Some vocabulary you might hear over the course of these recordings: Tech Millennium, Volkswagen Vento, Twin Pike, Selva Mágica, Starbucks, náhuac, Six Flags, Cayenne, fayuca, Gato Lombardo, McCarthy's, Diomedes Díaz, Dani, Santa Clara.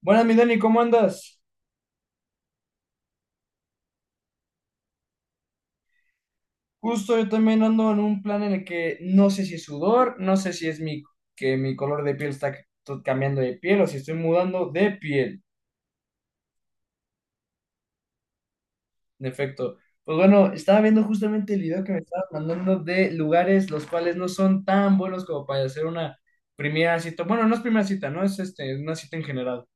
Buenas, mi Dani, ¿cómo andas? Justo yo también ando en un plan en el que no sé si es sudor, no sé si es que mi color de piel está cambiando de piel o si estoy mudando de piel, en efecto. Pues bueno, estaba viendo justamente el video que me estabas mandando de lugares los cuales no son tan buenos como para hacer una primera cita. Bueno, no es primera cita, no es es una cita en general.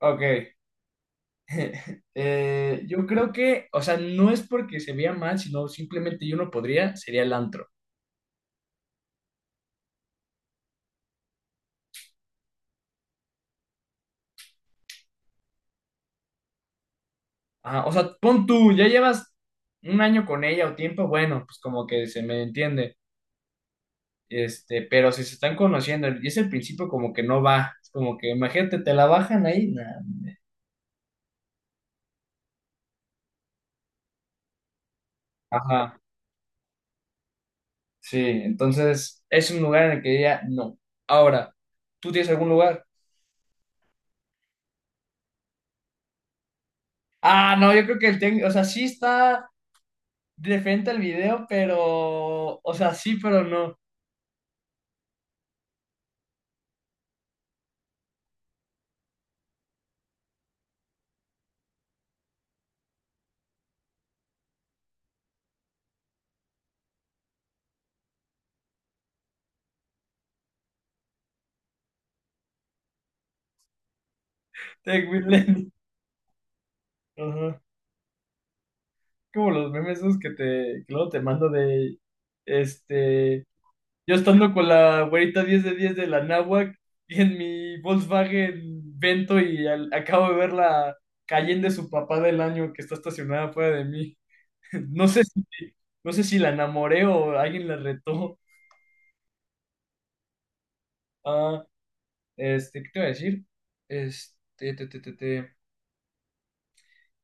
Ok. Yo creo que, o sea, no es porque se vea mal, sino simplemente yo no podría, sería el antro. Ajá, o sea, pon tú, ya llevas un año con ella o tiempo, bueno, pues como que se me entiende, pero si se están conociendo y es el principio como que no va, es como que imagínate, te la bajan ahí, nah, hombre. Ajá, sí, entonces es un lugar en el que diría no. Ahora, ¿tú tienes algún lugar? Ah, no, yo creo que el técnico, o sea, sí está de frente al video, pero, o sea, sí, pero no. Tech Millennium. Ajá. Como los memes esos que luego te mando de, este, yo estando con la güerita 10 de 10 de la náhuac y en mi Volkswagen Vento y acabo de ver la Cayenne de su papá del año que está estacionada fuera de mí. No sé si, no sé si la enamoré o alguien la retó. Ah, este, ¿qué te iba a decir? Este, te, te, te, te.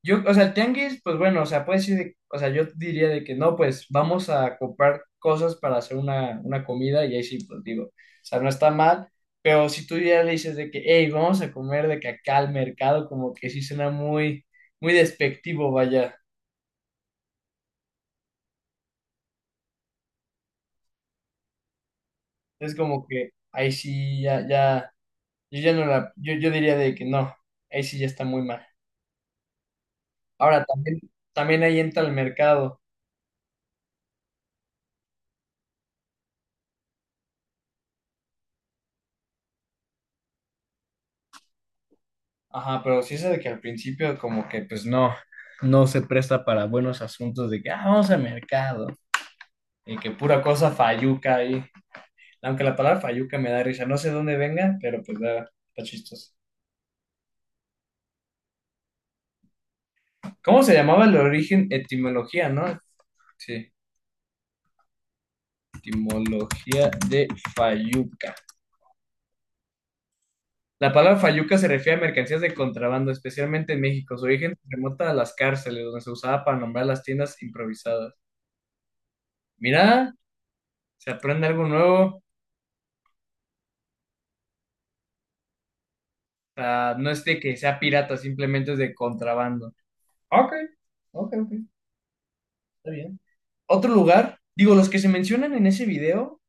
Yo, o sea, el tianguis, pues bueno, o sea, puede ser, o sea, yo diría de que no, pues vamos a comprar cosas para hacer una comida y ahí sí, pues digo, o sea, no está mal, pero si tú ya le dices de que, hey, vamos a comer de que acá al mercado, como que sí suena muy despectivo, vaya. Es como que ahí sí, ya, yo, yo diría de que no, ahí sí ya está muy mal. Ahora, también, también ahí entra el mercado. Ajá, pero sí es de que al principio como que pues no, no se presta para buenos asuntos de que ah, vamos al mercado y que pura cosa fayuca ahí. Aunque la palabra fayuca me da risa, no sé dónde venga, pero pues da, está chistoso. ¿Cómo se llamaba el origen? Etimología, ¿no? Sí, etimología de fayuca. La palabra fayuca se refiere a mercancías de contrabando, especialmente en México. Su origen se remonta a las cárceles, donde se usaba para nombrar las tiendas improvisadas. Mira, se aprende algo nuevo. Sea, no es de que sea pirata, simplemente es de contrabando. Ok, ok, ok, está bien. Otro lugar, digo, los que se mencionan en ese video,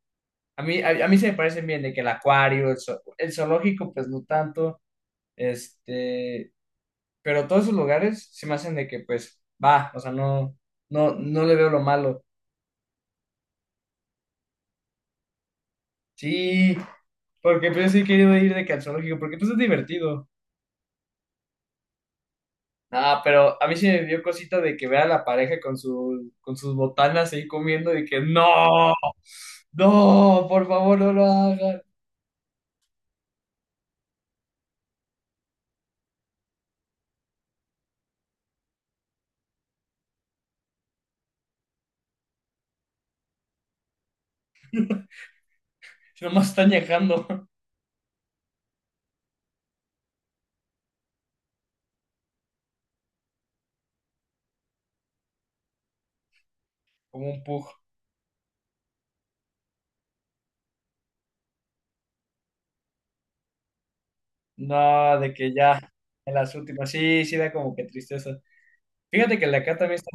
a mí se me parecen bien, de que el acuario, el zoológico, pues no tanto, este, pero todos esos lugares se me hacen de que, pues, va, o sea, no, no le veo lo malo. Sí, porque pues yo sí he querido ir de que al zoológico, porque pues es divertido. Ah, pero a mí sí me dio cosita de que vea a la pareja con sus botanas ahí comiendo y que no, por favor no lo hagan. Si nomás están dejando como un pug. No, de que ya, en las últimas, sí da como que tristeza. Fíjate que la acá también está,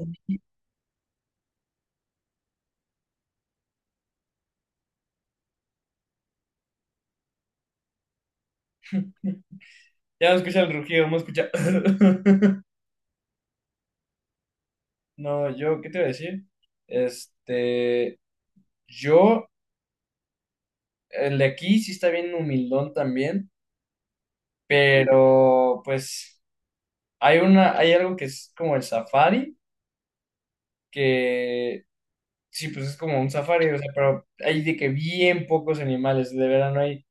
ya no escucha el rugido, no escucha. No, yo, ¿qué te iba a decir? Este, yo, el de aquí sí está bien humildón también, pero pues. Hay algo que es como el safari, que sí, pues es como un safari, o sea, pero hay de que bien pocos animales, de verdad no hay,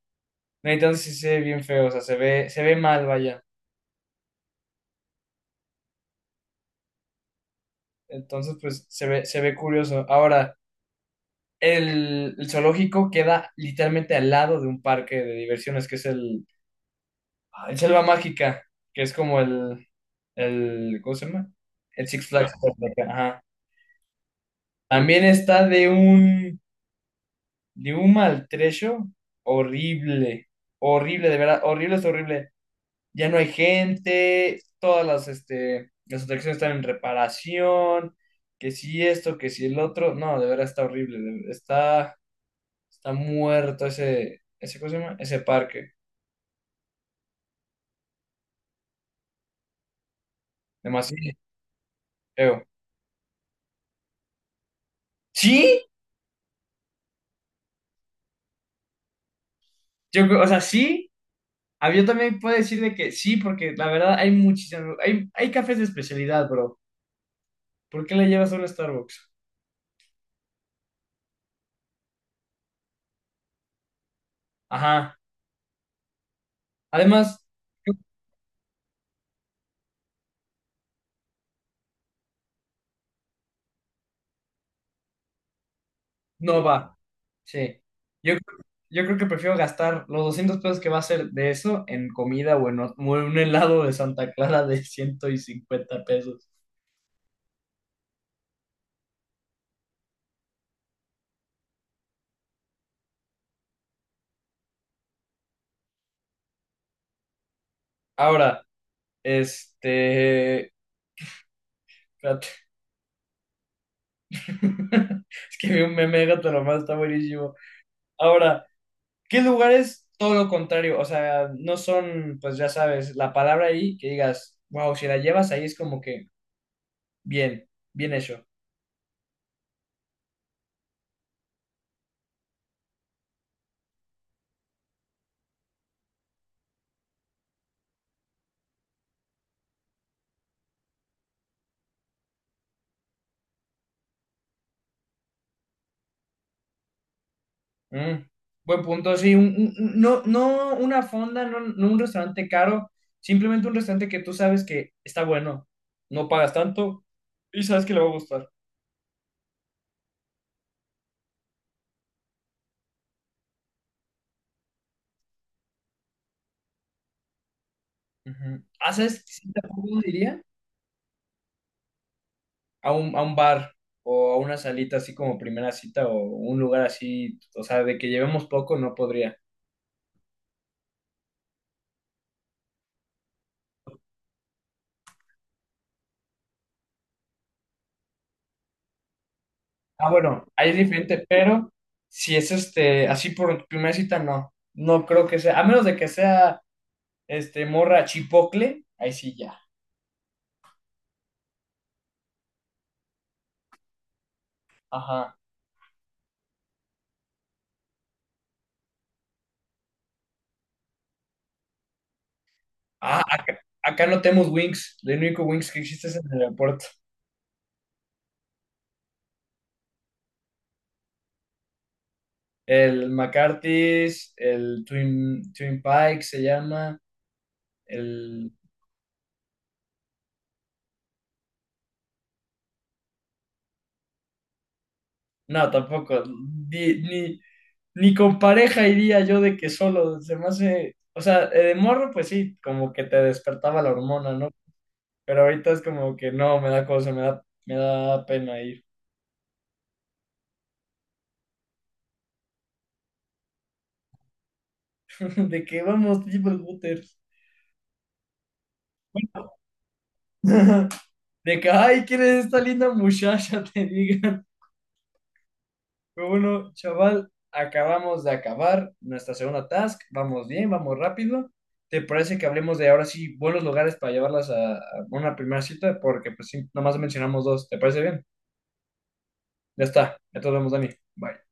no hay tanto, sí se ve bien feo, o sea, se ve mal, vaya. Entonces, pues se ve curioso. Ahora, el zoológico queda literalmente al lado de un parque de diversiones, que es el, ah, el Selva Mágica, que es como el, ¿cómo se llama? El Six Flags. Ajá. También está de un maltrecho horrible, horrible, de verdad, horrible es horrible. Ya no hay gente, las atracciones están en reparación, que si esto, que si el otro, no, de verdad está horrible, está, está muerto ese, ¿cómo se llama? Ese parque, demasiado feo. Sí, yo, o sea, sí. A yo también puedo decir de que sí, porque la verdad hay muchísimos, hay cafés de especialidad, bro. ¿Por qué le llevas solo a Starbucks? Ajá. Además, no va. Sí. Yo, yo creo que prefiero gastar los 200 pesos que va a ser de eso en comida o en un helado de Santa Clara de 150 pesos. Ahora, este... espérate. Es que vi un meme de Gato Lombardo, está buenísimo. Ahora, ¿qué lugares? Todo lo contrario, o sea, no son, pues ya sabes, la palabra ahí que digas, wow, si la llevas ahí es como que bien hecho. Mm, buen punto, sí, no, no una fonda, no un restaurante caro, simplemente un restaurante que tú sabes que está bueno, no pagas tanto y sabes que le va a gustar. Ujú. Ah, ¿sabes qué sí tampoco diría? A un bar o a una salita así como primera cita o un lugar así, o sea, de que llevemos poco no podría. Ah, bueno, ahí es diferente, pero si es así por primera cita no, no creo que sea, a menos de que sea este morra chipocle, ahí sí ya. Ajá. Ah, acá no tenemos Wings. El único Wings que existe es en el aeropuerto. El McCarthy's, Twin Pike se llama. El... No, tampoco. Ni, ni, ni con pareja iría yo de que solo. Se me hace. O sea, de morro, pues sí, como que te despertaba la hormona, ¿no? Pero ahorita es como que no, me da cosa, me da pena ir. De que vamos, tipo el waters. De que, ay, ¿quién es esta linda muchacha? Te diga. Bueno, chaval, acabamos de acabar nuestra segunda task. Vamos bien, vamos rápido. ¿Te parece que hablemos de ahora sí buenos lugares para llevarlas a una primera cita? Porque pues sí, nomás mencionamos dos. ¿Te parece bien? Ya está. Ya nos vemos, Dani. Bye.